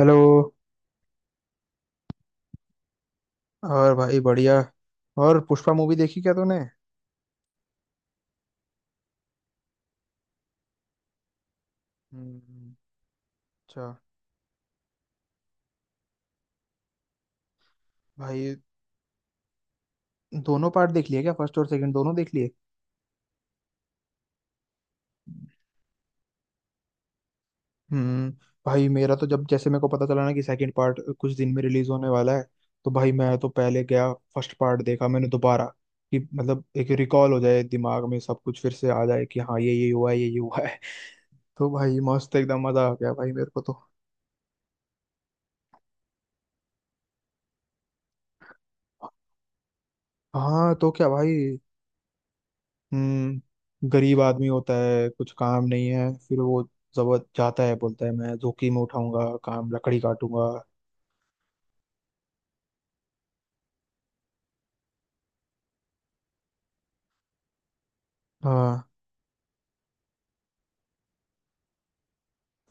Hello. और भाई बढ़िया। और पुष्पा मूवी देखी क्या तूने। हम्म, अच्छा। भाई दोनों पार्ट देख लिए क्या, फर्स्ट और सेकंड दोनों देख लिए। हम्म। भाई मेरा तो जब जैसे मेरे को पता चला ना कि सेकंड पार्ट कुछ दिन में रिलीज होने वाला है, तो भाई मैं तो पहले गया, फर्स्ट पार्ट देखा मैंने दोबारा, कि मतलब एक रिकॉल हो जाए, दिमाग में सब कुछ फिर से आ जाए कि हाँ ये हुआ है, ये हुआ है। तो भाई मस्त, एकदम मजा आ गया भाई मेरे को तो। हाँ तो क्या भाई। गरीब आदमी होता है, कुछ काम नहीं है, फिर वो जबर जाता है, बोलता है मैं जोखिम उठाऊंगा, काम लकड़ी काटूंगा। हाँ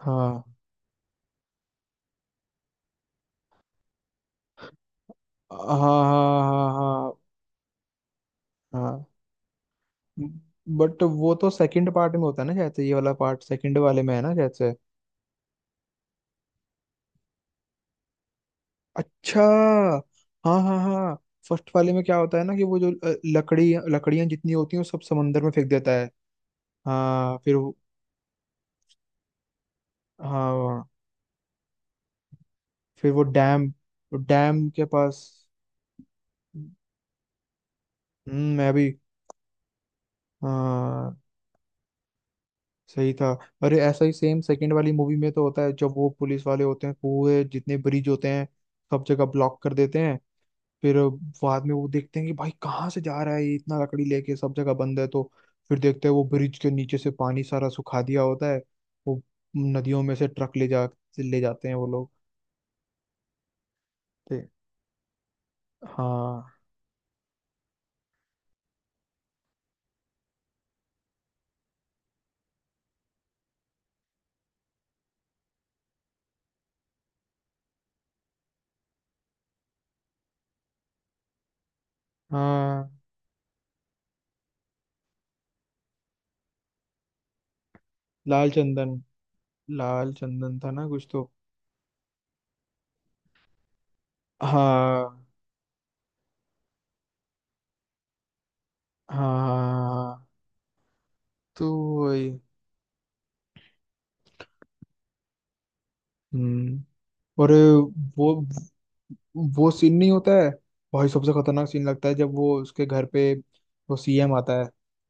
हाँ हाँ हाँ। हाँ हाँ हाँ। बट वो तो सेकंड पार्ट में होता है ना शायद से, ये वाला पार्ट सेकंड वाले में है ना शायद से। अच्छा। हाँ हाँ हाँ। फर्स्ट वाले में क्या होता है ना कि वो जो लकड़ी लकड़ियां जितनी होती हैं वो सब समंदर में फेंक देता है। हाँ फिर हाँ फिर वो डैम, डैम के पास। मैं भी। हाँ सही था। अरे ऐसा ही सेम सेकंड वाली मूवी में तो होता है, जब वो पुलिस वाले होते हैं पूरे जितने ब्रिज होते हैं सब जगह ब्लॉक कर देते हैं। फिर बाद में वो देखते हैं कि भाई कहाँ से जा रहा है ये इतना लकड़ी लेके, सब जगह बंद है तो। फिर देखते हैं वो ब्रिज के नीचे से पानी सारा सुखा दिया होता है, वो नदियों में से ट्रक ले जाते हैं वो लोग। ते- हाँ हाँ। लाल चंदन, लाल चंदन था ना कुछ तो। हाँ हाँ, हाँ, हाँ, तो वही। हम्म और वो वो सीन नहीं होता है भाई, सबसे खतरनाक सीन लगता है जब वो उसके घर पे वो सीएम आता है।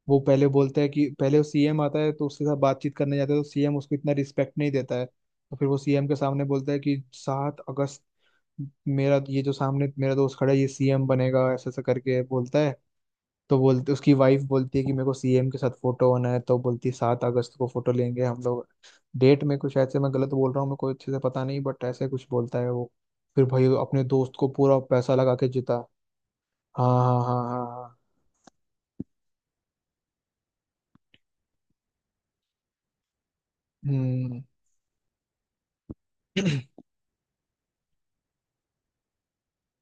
वो पहले बोलता है कि पहले वो सीएम आता है तो उसके साथ बातचीत करने जाता है, तो सीएम उसको इतना रिस्पेक्ट नहीं देता है, तो फिर वो सीएम के सामने बोलता है कि सात अगस्त, मेरा ये जो सामने मेरा दोस्त खड़ा है ये सीएम बनेगा, ऐसा ऐसा करके बोलता है। तो बोलते उसकी वाइफ बोलती है कि मेरे को सीएम के साथ फोटो होना है, तो बोलती है सात अगस्त को फोटो लेंगे हम लोग। डेट में कुछ ऐसे मैं गलत बोल रहा हूँ, मेरे को अच्छे से पता नहीं, बट ऐसे कुछ बोलता है वो। फिर भाई अपने दोस्त को पूरा पैसा लगा के जीता। हाँ हाँ हाँ हाँ हाँ। हम्म।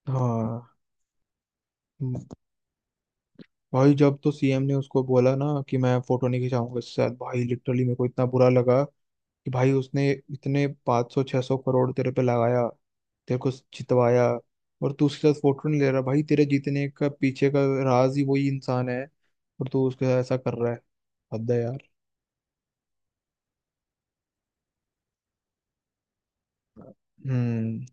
हाँ। भाई जब तो सीएम ने उसको बोला ना कि मैं फोटो नहीं खिंचाऊंगा, इससे भाई लिटरली मेरे को इतना बुरा लगा कि भाई उसने इतने 500 सौ छह सौ करोड़ तेरे पे लगाया, तेरे को जितवाया, और तू उसके साथ फोटो नहीं ले रहा। भाई तेरे जीतने का पीछे का राज ही वही इंसान है, और तू उसके साथ ऐसा कर रहा है। हद है यार। हम्म,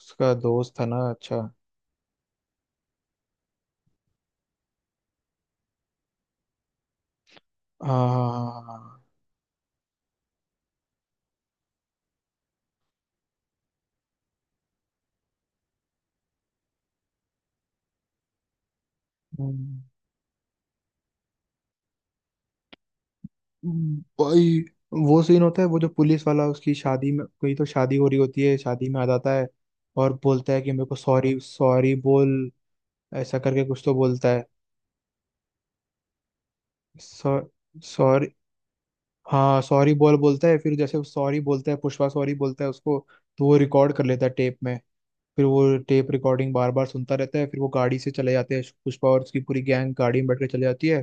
उसका दोस्त था ना, अच्छा। हाँ हाँ हाँ हाँ। हाँ, हाँ। भाई वो सीन होता है, वो जो पुलिस वाला उसकी शादी में, कोई तो शादी हो रही होती है, शादी में आ जाता है और बोलता है कि मेरे को सॉरी सॉरी बोल, ऐसा करके कुछ तो बोलता है। सॉ सॉरी, हाँ सॉरी बॉल बोलता है, फिर जैसे सॉरी बोलता है, पुष्पा सॉरी बोलता है उसको, तो वो रिकॉर्ड कर लेता है टेप में। फिर वो टेप रिकॉर्डिंग बार बार सुनता रहता है, फिर वो गाड़ी से चले जाते हैं, पुष्पा और उसकी पूरी गैंग गाड़ी में बैठ के चले जाती है।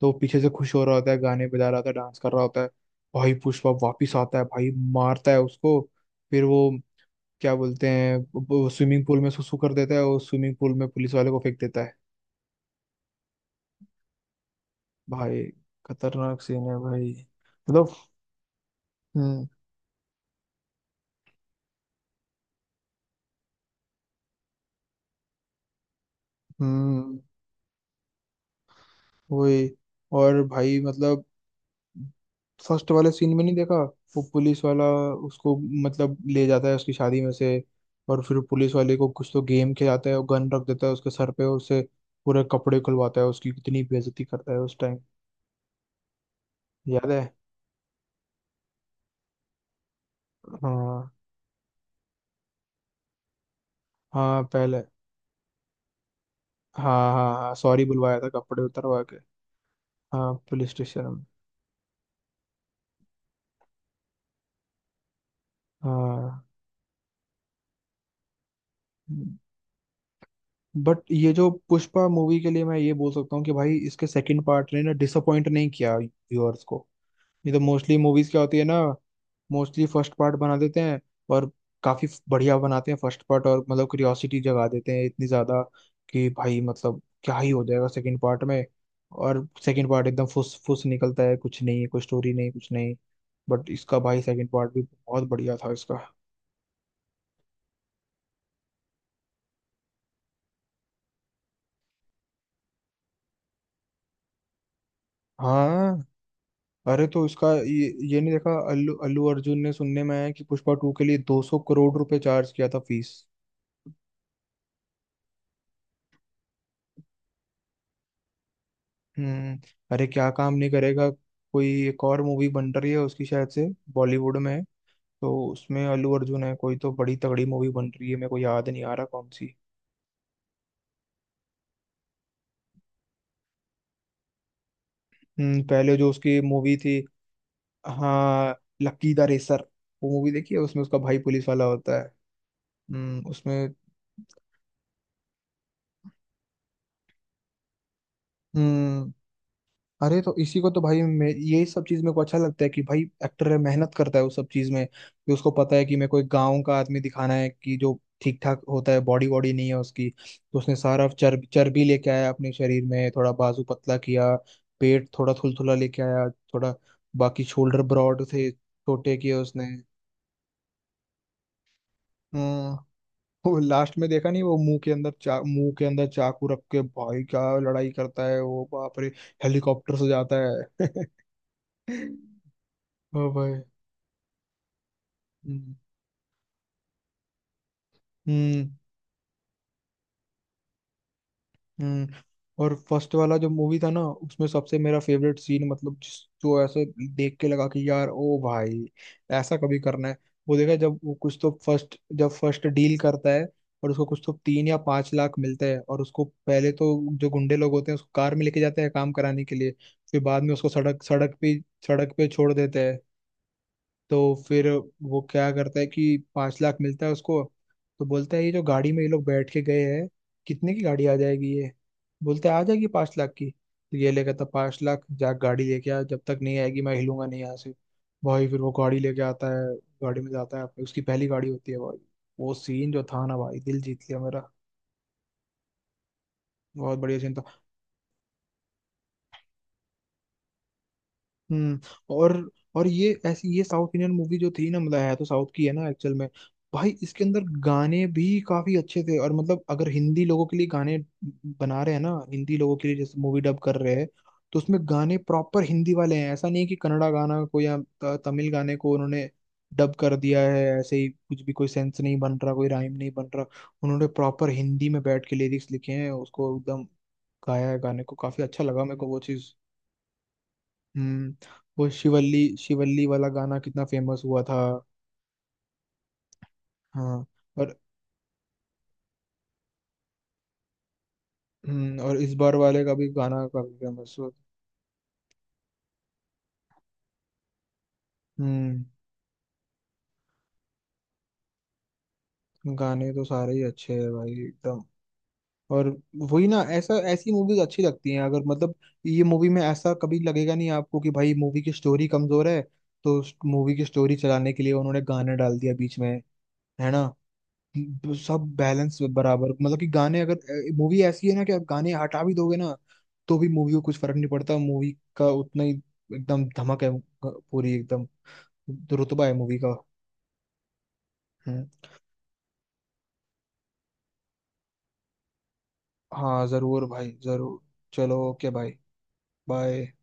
तो वो पीछे से खुश हो रहा होता है, गाने बजा रहा होता है, डांस कर रहा होता है। भाई पुष्पा वापिस आता है, भाई मारता है उसको। फिर वो क्या बोलते हैं, स्विमिंग पूल में सुसु कर देता है और स्विमिंग पूल में पुलिस वाले को फेंक देता है। भाई खतरनाक सीन है भाई, मतलब। हम्म। हम्म वही। और भाई मतलब फर्स्ट वाले सीन में नहीं देखा, वो पुलिस वाला, उसको मतलब ले जाता है उसकी शादी में से, और फिर पुलिस वाले को कुछ तो गेम खिलाता है और गन रख देता है उसके सर पे, और उससे पूरे कपड़े खुलवाता है, उसकी कितनी बेइज्जती करता है उस टाइम, याद है। हाँ हाँ पहले, हाँ हाँ हाँ, सॉरी बुलवाया था कपड़े उतरवा के। हाँ पुलिस स्टेशन में। हाँ बट ये जो पुष्पा मूवी के लिए मैं ये बोल सकता हूँ कि भाई इसके सेकंड पार्ट ने ना डिसअपॉइंट नहीं किया व्यूअर्स को। ये तो मोस्टली मूवीज क्या होती है ना, मोस्टली फर्स्ट पार्ट बना देते हैं और काफी बढ़िया बनाते हैं फर्स्ट पार्ट, और मतलब क्यूरियोसिटी जगा देते हैं इतनी ज्यादा कि भाई मतलब क्या ही हो जाएगा सेकंड पार्ट में। और सेकंड पार्ट एकदम फुस फुस निकलता है, कुछ नहीं है, कोई स्टोरी नहीं, कुछ नहीं। बट इसका भाई सेकंड पार्ट भी बहुत बढ़िया था इसका। हाँ अरे तो इसका ये नहीं देखा, अल्लू अल्लू अर्जुन ने सुनने में आया है कि पुष्पा टू के लिए 200 करोड़ रुपए चार्ज किया था फीस। हम्म अरे क्या काम नहीं करेगा। कोई एक और मूवी बन रही है उसकी शायद से, बॉलीवुड में है, तो उसमें अल्लू अर्जुन है, कोई तो बड़ी तगड़ी मूवी बन रही है, मेरे को याद नहीं आ रहा कौन सी। पहले जो उसकी मूवी थी, हाँ, लक्की द रेसर, वो मूवी देखी है, उसमें उसका भाई पुलिस वाला होता है। उसमें। हम्म अरे तो इसी को तो भाई, मैं यही सब चीज मेरे को अच्छा लगता है कि भाई एक्टर है, मेहनत करता है उस सब चीज में, कि उसको पता है कि मेरे को एक गाँव का आदमी दिखाना है कि जो ठीक ठाक होता है, बॉडी वॉडी नहीं है उसकी, तो उसने सारा चर्बी चर्बी लेके आया अपने शरीर में, थोड़ा बाजू पतला किया, पेट थोड़ा थुलथुला लेके आया थोड़ा, बाकी शोल्डर ब्रॉड थे छोटे किए उसने। हम्म वो लास्ट में देखा नहीं, वो मुंह के अंदर चा मुंह के अंदर चाकू रख के भाई क्या लड़ाई करता है वो, बाप रे, हेलीकॉप्टर से जाता है। हाँ भाई। हम्म। हम्म। हम्म। और फर्स्ट वाला जो मूवी था ना, उसमें सबसे मेरा फेवरेट सीन मतलब जिस, जो ऐसे देख के लगा कि यार ओ भाई ऐसा कभी करना है, वो देखा जब वो कुछ तो फर्स्ट जब फर्स्ट डील करता है और उसको कुछ तो तीन या पांच लाख मिलते हैं, और उसको पहले तो जो गुंडे लोग होते हैं उसको कार में लेके जाते हैं काम कराने के लिए, फिर बाद में उसको सड़क सड़क पे छोड़ देते हैं। तो फिर वो क्या करता है कि पाँच लाख मिलता है उसको, तो बोलता है ये जो गाड़ी में ये लोग बैठ के गए हैं कितने की गाड़ी आ जाएगी ये, बोलते हैं आ जाएगी पाँच लाख की, तो ये लेकर था पाँच लाख, जा गाड़ी लेके आ, जब तक नहीं आएगी मैं हिलूंगा नहीं यहाँ से। भाई फिर वो गाड़ी लेके आता है, गाड़ी में जाता है, उसकी पहली गाड़ी होती है भाई। वो सीन जो था ना भाई, दिल जीत लिया मेरा, बहुत बढ़िया सीन था। हम्म। और और ये ऐसी ये साउथ इंडियन मूवी जो थी ना, मतलब है तो साउथ की है ना एक्चुअल में, भाई इसके अंदर गाने भी काफी अच्छे थे, और मतलब अगर हिंदी लोगों के लिए गाने बना रहे हैं ना, हिंदी लोगों के लिए जैसे मूवी डब कर रहे हैं, तो उसमें गाने प्रॉपर हिंदी वाले हैं। ऐसा नहीं है कि कन्नड़ा गाना को या तमिल गाने को उन्होंने डब कर दिया है ऐसे ही कुछ भी, कोई सेंस नहीं बन रहा, कोई राइम नहीं बन रहा। उन्होंने प्रॉपर हिंदी में बैठ के लिरिक्स लिखे हैं, उसको एकदम गाया है गाने को, काफी अच्छा लगा मेरे को वो चीज। हम्म वो शिवल्ली शिवल्ली वाला गाना कितना फेमस हुआ था। हाँ। और और इस बार वाले का भी गाना काफी फेमस हुआ। हम्म गाने तो सारे ही अच्छे हैं भाई एकदम। और वही ना, ऐसा ऐसी मूवीज अच्छी लगती हैं अगर मतलब, ये मूवी में ऐसा कभी लगेगा नहीं आपको कि भाई मूवी की स्टोरी कमजोर है तो मूवी की स्टोरी चलाने के लिए उन्होंने गाना डाल दिया बीच में, है ना, सब बैलेंस बराबर, मतलब कि गाने, अगर मूवी ऐसी है ना कि आप गाने हटा भी दोगे ना तो भी मूवी को कुछ फर्क नहीं पड़ता, मूवी का उतना ही एकदम धमक है पूरी, एकदम रुतबा है मूवी का। हम्म। हाँ जरूर भाई जरूर। चलो ओके भाई। बाय।